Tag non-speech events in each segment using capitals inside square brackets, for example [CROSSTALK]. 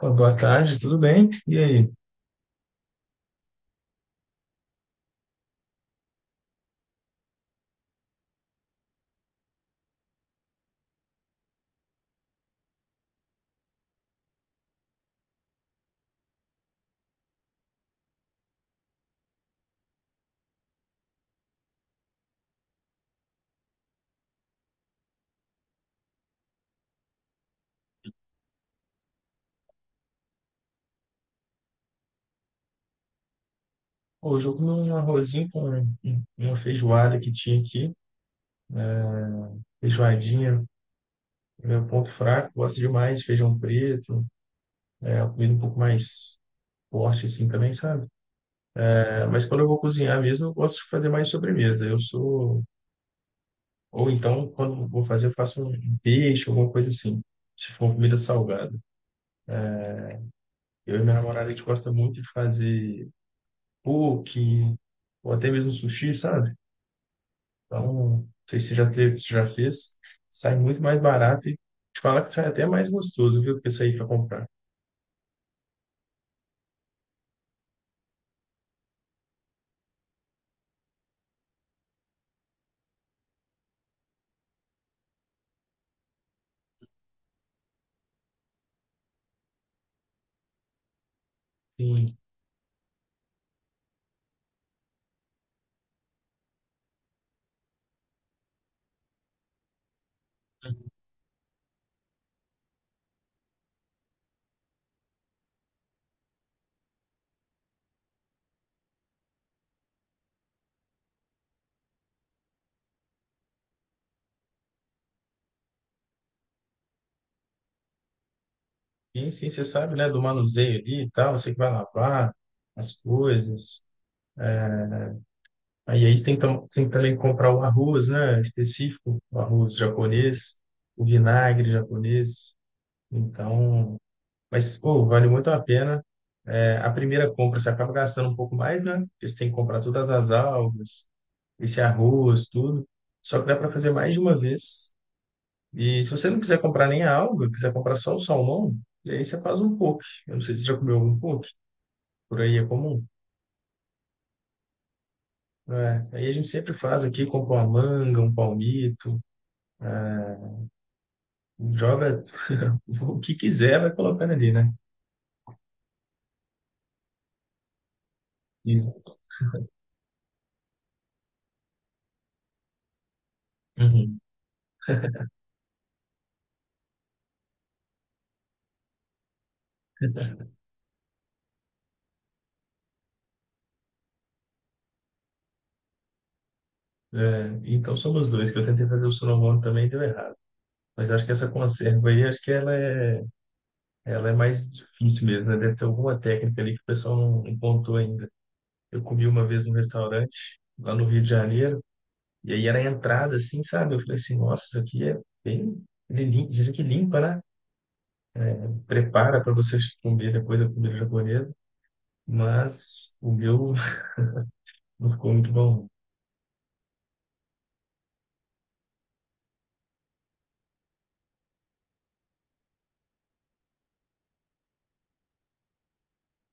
Ô, boa tarde, tudo bem? E aí? Hoje eu comi um arrozinho com uma feijoada que tinha aqui, feijoadinha, meu ponto fraco, gosto demais, feijão preto, é, uma comida um pouco mais forte assim também, sabe? É, mas quando eu vou cozinhar mesmo, eu gosto de fazer mais sobremesa, eu sou... Ou então, quando eu vou fazer, eu faço um peixe, alguma coisa assim, se for uma comida salgada. Eu e minha namorada, a gente gosta muito de fazer poke, ou até mesmo sushi, sabe? Então, não sei se você já teve, se já fez. Sai muito mais barato e te falar que sai até mais gostoso, viu, que sair para comprar. Sim, sim, sim, você sabe, né, do manuseio ali e tal, você que vai lavar as coisas. Aí, aí você tem que também comprar o arroz, né, específico, o arroz japonês, o vinagre japonês. Então, mas, pô, vale muito a pena. É, a primeira compra você acaba gastando um pouco mais, né, porque você tem que comprar todas as algas, esse arroz, tudo. Só que dá para fazer mais de uma vez. E se você não quiser comprar nem a alga, quiser comprar só o salmão, e aí você faz um poke. Eu não sei se você já comeu algum poke, por aí é comum. É, aí a gente sempre faz aqui, compra uma manga, um palmito, é, joga [LAUGHS] o que quiser, vai colocando ali, né? E- Uhum. É, então somos dois, que eu tentei fazer o sonomono também e deu errado. Mas eu acho que essa conserva aí, acho que ela é mais difícil mesmo, né? Deve ter alguma técnica ali que o pessoal não contou ainda. Eu comi uma vez num restaurante lá no Rio de Janeiro, e aí era a entrada, assim, sabe? Eu falei assim, nossa, isso aqui é bem. Ele Dizem que limpa, né? Prepara para você comer depois da comida japonesa, mas o meu [LAUGHS] não ficou muito bom.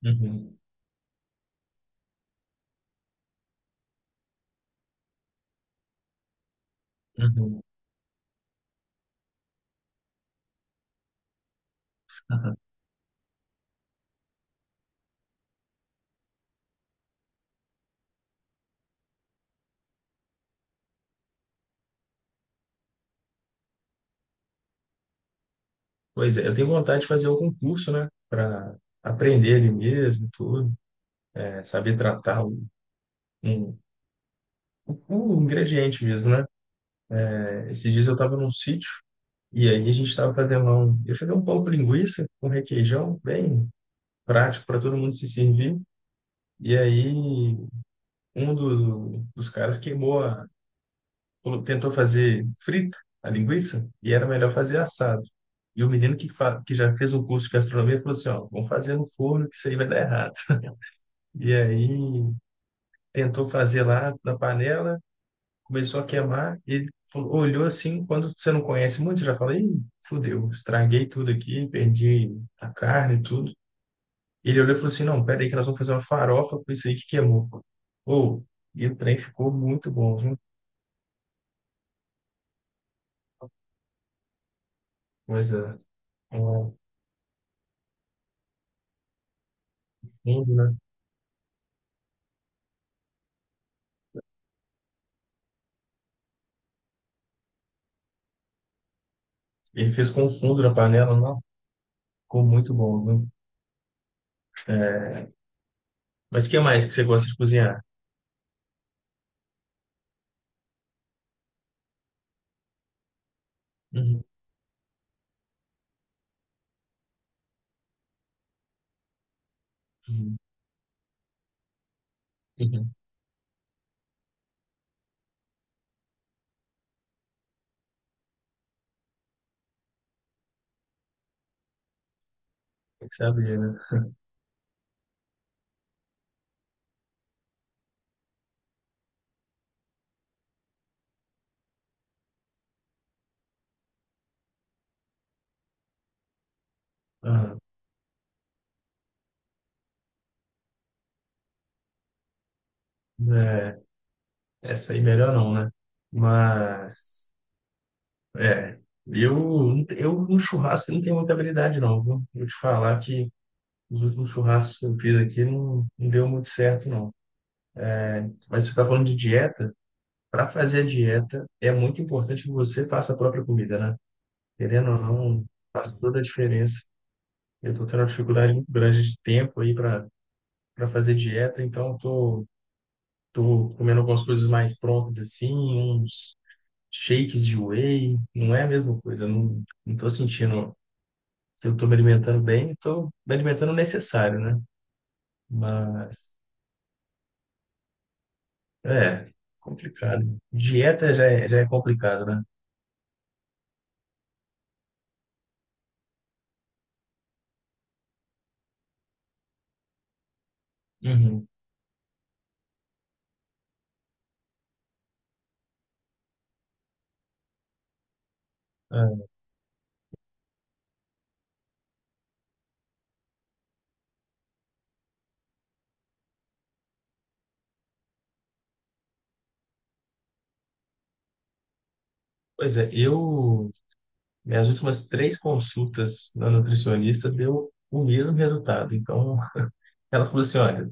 Uhum, uhum. Aham. Pois é, eu tenho vontade de fazer algum curso, né? Para aprender ali mesmo, tudo, é, saber tratar o, um, o ingrediente mesmo, né? É, esses dias eu estava num sítio, e aí a gente estava fazendo um, eu fazia um pão com linguiça com requeijão, bem prático para todo mundo se servir. E aí um dos caras queimou a, tentou fazer frito a linguiça e era melhor fazer assado. E o menino que, que já fez um curso de gastronomia falou assim, ó, vamos fazer no forno que isso aí vai dar errado. [LAUGHS] E aí tentou fazer lá na panela, começou a queimar, ele falou, olhou assim, quando você não conhece muito, você já fala, ih, fudeu, estraguei tudo aqui, perdi a carne e tudo. Ele olhou e falou assim, não, pera aí que nós vamos fazer uma farofa com isso aí que queimou. Ou, e o trem ficou muito bom, viu? Coisa, um fundo, né? Ele fez com fundo na panela, não? Ficou muito bom, viu? É, mas o que mais que você gosta de cozinhar? Uhum, uhum, uhum. Tem que saber, né? Aham. É, essa aí melhor não, né? Mas... É, eu, eu no churrasco eu não tenho muita habilidade, não, viu? Vou te falar que os últimos churrascos que eu fiz aqui não, não deu muito certo, não. Mas você está falando de dieta, para fazer a dieta é muito importante que você faça a própria comida, né? Querendo ou não, faz toda a diferença. Eu estou tendo uma dificuldade muito grande de tempo aí para fazer dieta, então tô comendo algumas coisas mais prontas assim, uns shakes de whey, não é a mesma coisa, não, não tô sentindo. Se eu estou me alimentando bem, estou me alimentando o necessário, né? Mas é complicado. Dieta já é complicado, né? Uhum. É. Pois é, eu minhas últimas três consultas na nutricionista deu o mesmo resultado. Então, ela falou assim, olha,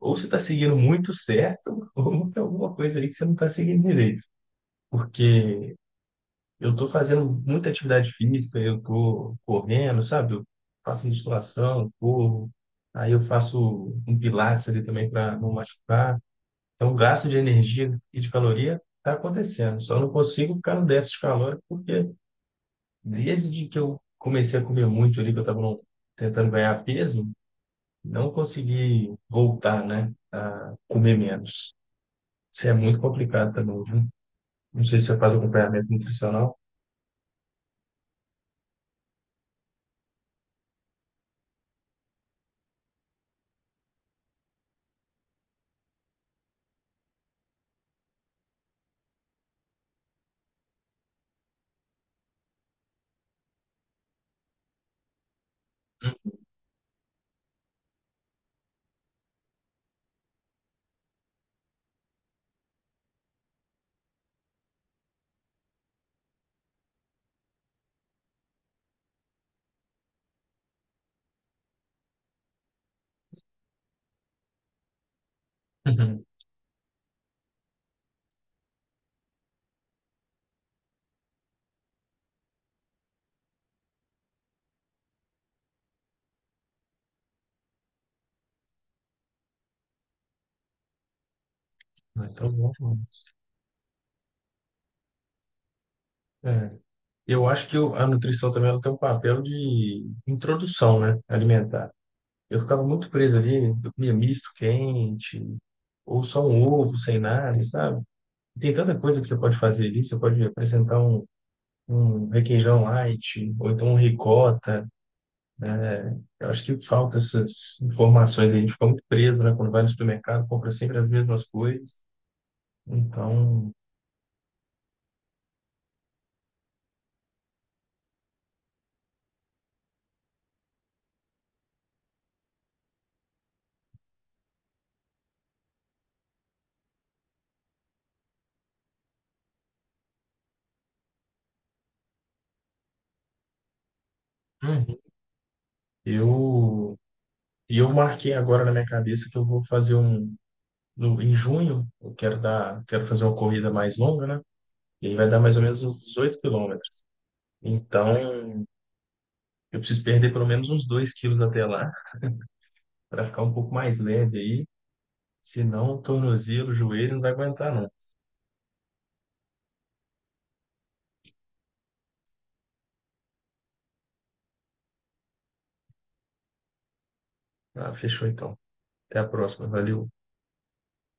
ou você está seguindo muito certo, [LAUGHS] ou tem alguma coisa aí que você não está seguindo direito, porque eu estou fazendo muita atividade física, eu estou correndo, sabe? Eu faço musculação, corro, aí eu faço um pilates ali também para não machucar. Então, o gasto de energia e de caloria está acontecendo. Só não consigo ficar no déficit calórico porque desde que eu comecei a comer muito ali, que eu estava tentando ganhar peso, não consegui voltar, né, a comer menos. Isso é muito complicado também, viu? Não sei se você faz acompanhamento nutricional. [LAUGHS] Então, bom. Eu acho que a nutrição também ela tem um papel de introdução, né, alimentar. Eu ficava muito preso ali, eu comia misto quente, ou só um ovo sem nada, sabe? Tem tanta coisa que você pode fazer ali, você pode apresentar um, um requeijão light, ou então um ricota, né? Eu acho que falta essas informações, aí, a gente fica muito preso, né, quando vai no supermercado, compra sempre as mesmas coisas. Então, uhum, eu, e eu marquei agora na minha cabeça que eu vou fazer um no, em junho, eu quero dar, quero fazer uma corrida mais longa, né? E aí vai dar mais ou menos uns 18 quilômetros. Então, eu preciso perder pelo menos uns 2 quilos até lá, [LAUGHS] para ficar um pouco mais leve aí. Senão, o tornozelo, o joelho não vai aguentar, não. Ah, fechou então. Até a próxima. Valeu.